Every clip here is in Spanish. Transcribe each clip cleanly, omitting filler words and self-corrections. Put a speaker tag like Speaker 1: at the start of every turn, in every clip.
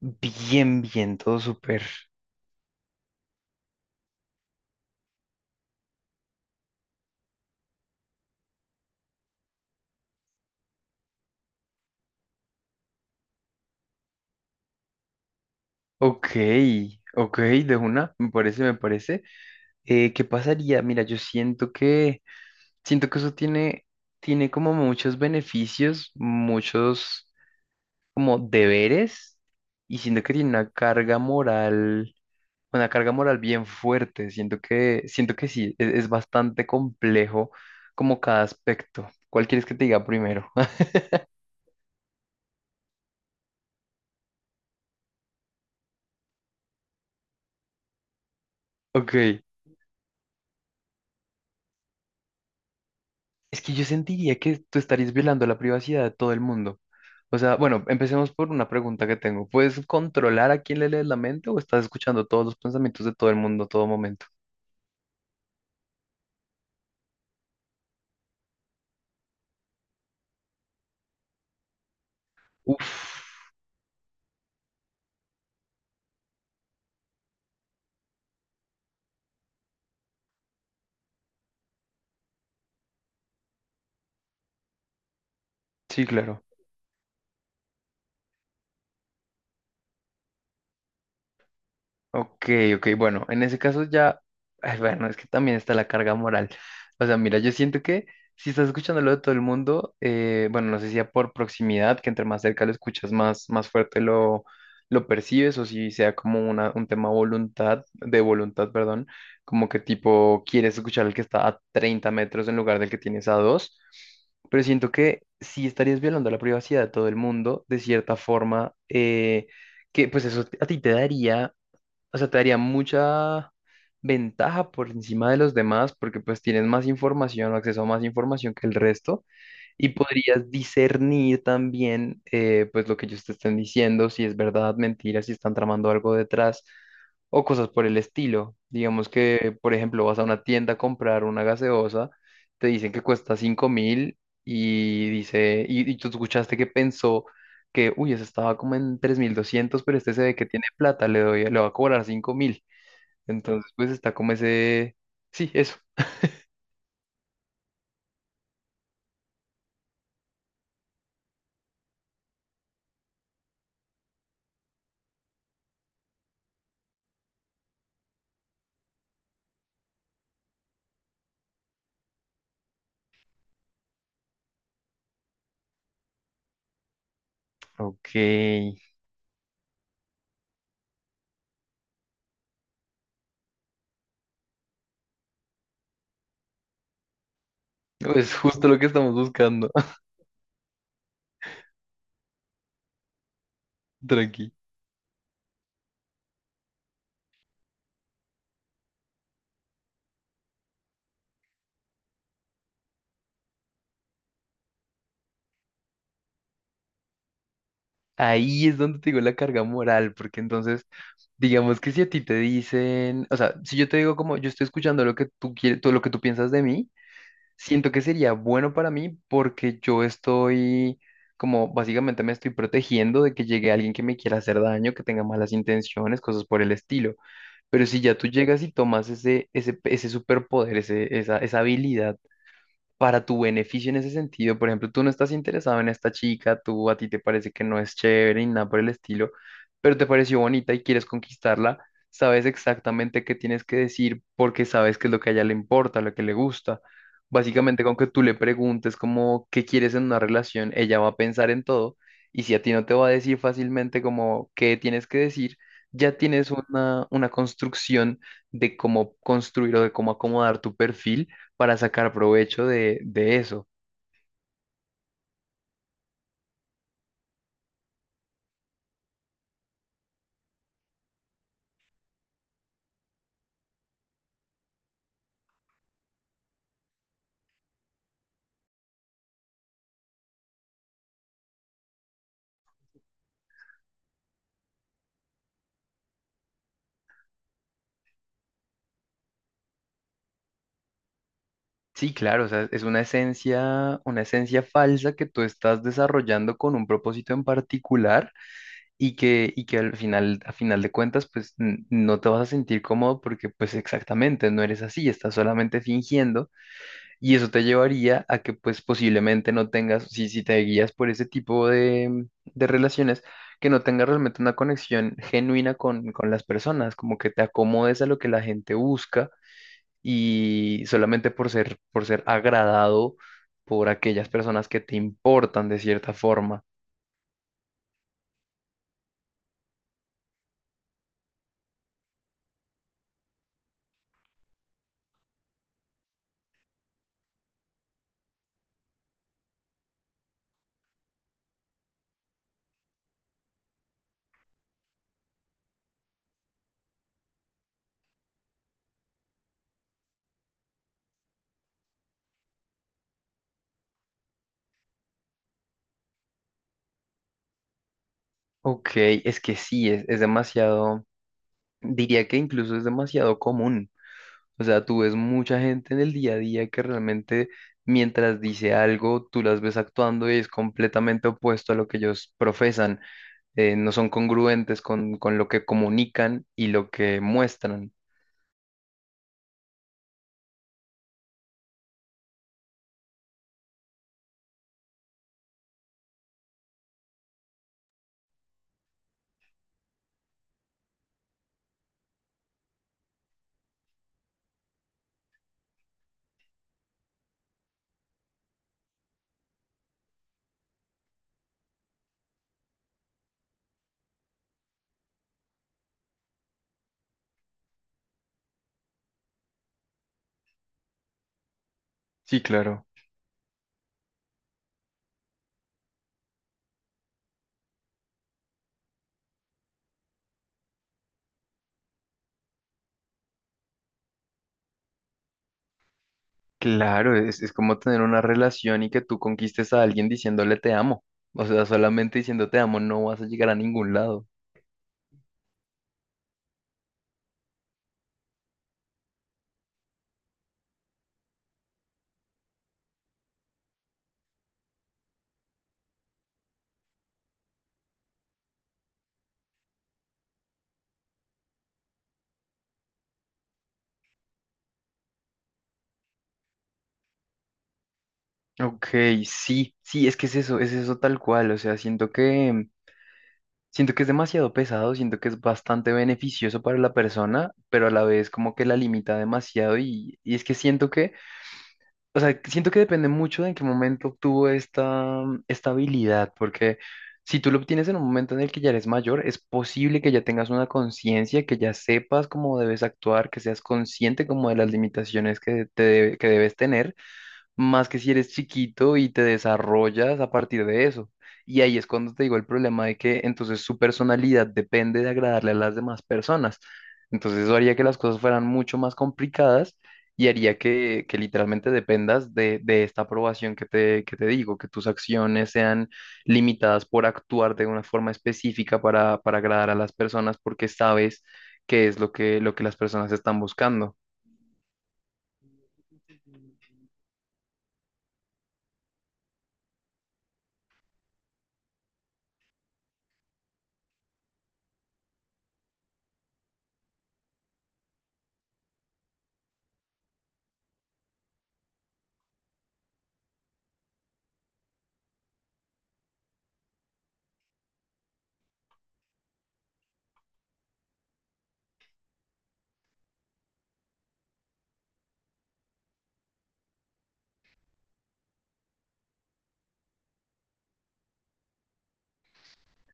Speaker 1: Bien, bien, todo súper. Ok, ok, de una, me parece, me parece. ¿Qué pasaría? Mira, siento que eso tiene como muchos beneficios, muchos como deberes, y siento que tiene una carga moral bien fuerte. Siento que sí, es bastante complejo como cada aspecto. ¿Cuál quieres que te diga primero? Ok. Es que yo sentiría que tú estarías violando la privacidad de todo el mundo. O sea, bueno, empecemos por una pregunta que tengo. ¿Puedes controlar a quién le lees la mente o estás escuchando todos los pensamientos de todo el mundo a todo momento? Uf, sí, claro. Ok, ok, bueno, en ese caso ya, ay, bueno, es que también está la carga moral. O sea, mira, yo siento que si estás escuchándolo de todo el mundo, bueno, no sé si sea por proximidad, que entre más cerca lo escuchas, más fuerte lo percibes, o si sea como una, un tema voluntad, de voluntad, perdón, como que tipo quieres escuchar al que está a 30 metros en lugar del que tienes a dos, pero siento que sí estarías violando la privacidad de todo el mundo, de cierta forma, que pues eso a ti te daría o sea, te daría mucha ventaja por encima de los demás porque pues tienes más información o acceso a más información que el resto. Y podrías discernir también, pues lo que ellos te estén diciendo, si es verdad, mentira, si están tramando algo detrás o cosas por el estilo. Digamos que, por ejemplo, vas a una tienda a comprar una gaseosa, te dicen que cuesta 5.000 y dice, y tú escuchaste que pensó que, uy, esa estaba como en 3.200 pero este se ve que tiene plata, le doy, le va a cobrar 5.000. Entonces, pues está como ese, sí, eso. Ok, es justo lo que estamos buscando. Tranqui. Ahí es donde te digo la carga moral, porque entonces, digamos que si a ti te dicen, o sea, si yo te digo como yo estoy escuchando lo que tú quieres, todo lo que tú piensas de mí, siento que sería bueno para mí porque yo estoy como básicamente me estoy protegiendo de que llegue alguien que me quiera hacer daño, que tenga malas intenciones, cosas por el estilo. Pero si ya tú llegas y tomas ese superpoder, ese esa esa habilidad para tu beneficio en ese sentido. Por ejemplo, tú no estás interesado en esta chica, tú a ti te parece que no es chévere y nada por el estilo, pero te pareció bonita y quieres conquistarla, sabes exactamente qué tienes que decir porque sabes qué es lo que a ella le importa, lo que le gusta. Básicamente, con que tú le preguntes como qué quieres en una relación, ella va a pensar en todo y si a ti no te va a decir fácilmente como qué tienes que decir, ya tienes una construcción de cómo construir o de cómo acomodar tu perfil para sacar provecho de eso. Sí, claro, o sea, es una esencia falsa que tú estás desarrollando con un propósito en particular y que al final, a final de cuentas, pues no te vas a sentir cómodo porque pues exactamente no eres así, estás solamente fingiendo y eso te llevaría a que pues posiblemente no tengas, si te guías por ese tipo de relaciones, que no tengas realmente una conexión genuina con las personas, como que te acomodes a lo que la gente busca y solamente por ser agradado por aquellas personas que te importan de cierta forma. Ok, es que sí, es demasiado, diría que incluso es demasiado común. O sea, tú ves mucha gente en el día a día que realmente mientras dice algo, tú las ves actuando y es completamente opuesto a lo que ellos profesan. No son congruentes con lo que comunican y lo que muestran. Sí, claro. Claro, es como tener una relación y que tú conquistes a alguien diciéndole te amo. O sea, solamente diciendo te amo no vas a llegar a ningún lado. Ok, sí, sí, es que es eso tal cual. O sea, siento que es demasiado pesado, siento que es bastante beneficioso para la persona, pero a la vez como que la limita demasiado y es que siento que O sea, siento que depende mucho de en qué momento obtuvo esta habilidad, porque si tú lo obtienes en un momento en el que ya eres mayor, es posible que ya tengas una conciencia, que ya sepas cómo debes actuar, que seas consciente como de las limitaciones que debes tener más que si eres chiquito y te desarrollas a partir de eso. Y ahí es cuando te digo el problema de que entonces su personalidad depende de agradarle a las demás personas. Entonces eso haría que las cosas fueran mucho más complicadas y haría que literalmente dependas de esta aprobación que te digo, que tus acciones sean limitadas por actuar de una forma específica para agradar a las personas porque sabes qué es lo que las personas están buscando.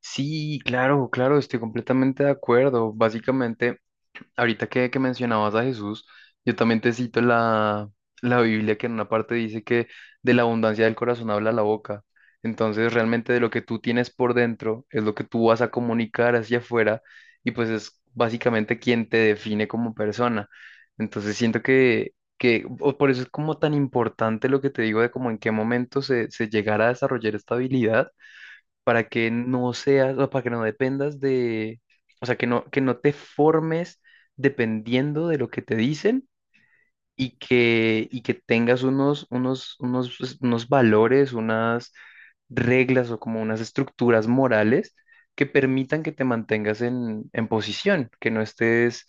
Speaker 1: Sí, claro, claro, estoy completamente de acuerdo. Básicamente, ahorita que mencionabas a Jesús, yo también te cito la Biblia que en una parte dice que de la abundancia del corazón habla la boca. Entonces, realmente de lo que tú tienes por dentro es lo que tú vas a comunicar hacia afuera y pues es básicamente quien te define como persona. Entonces, siento que o por eso es como tan importante lo que te digo de como en qué momento se llegará a desarrollar esta habilidad para que no seas, o para que no dependas de, o sea, que no te formes dependiendo de lo que te dicen y que tengas pues, unos valores, unas reglas o como unas estructuras morales que permitan que te mantengas en posición, que no estés,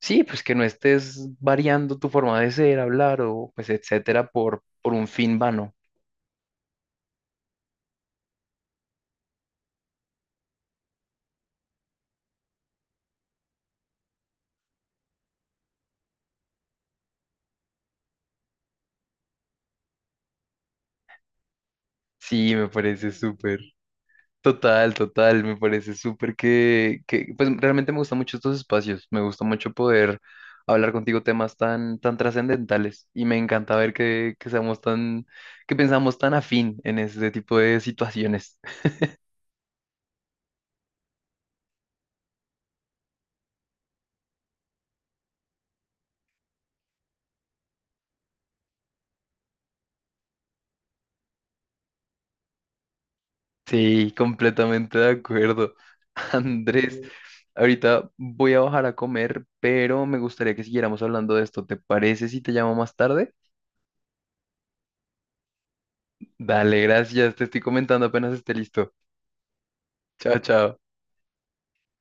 Speaker 1: sí, pues que no estés variando tu forma de ser, hablar o pues etcétera por un fin vano. Sí, me parece súper. Total, total, me parece súper que, pues realmente me gustan mucho estos espacios, me gusta mucho poder hablar contigo temas tan, tan trascendentales y me encanta ver que seamos tan, que pensamos tan afín en este tipo de situaciones. Sí, completamente de acuerdo. Andrés, sí, ahorita voy a bajar a comer, pero me gustaría que siguiéramos hablando de esto. ¿Te parece si te llamo más tarde? Dale, gracias, te estoy comentando apenas esté listo. Chao, chao.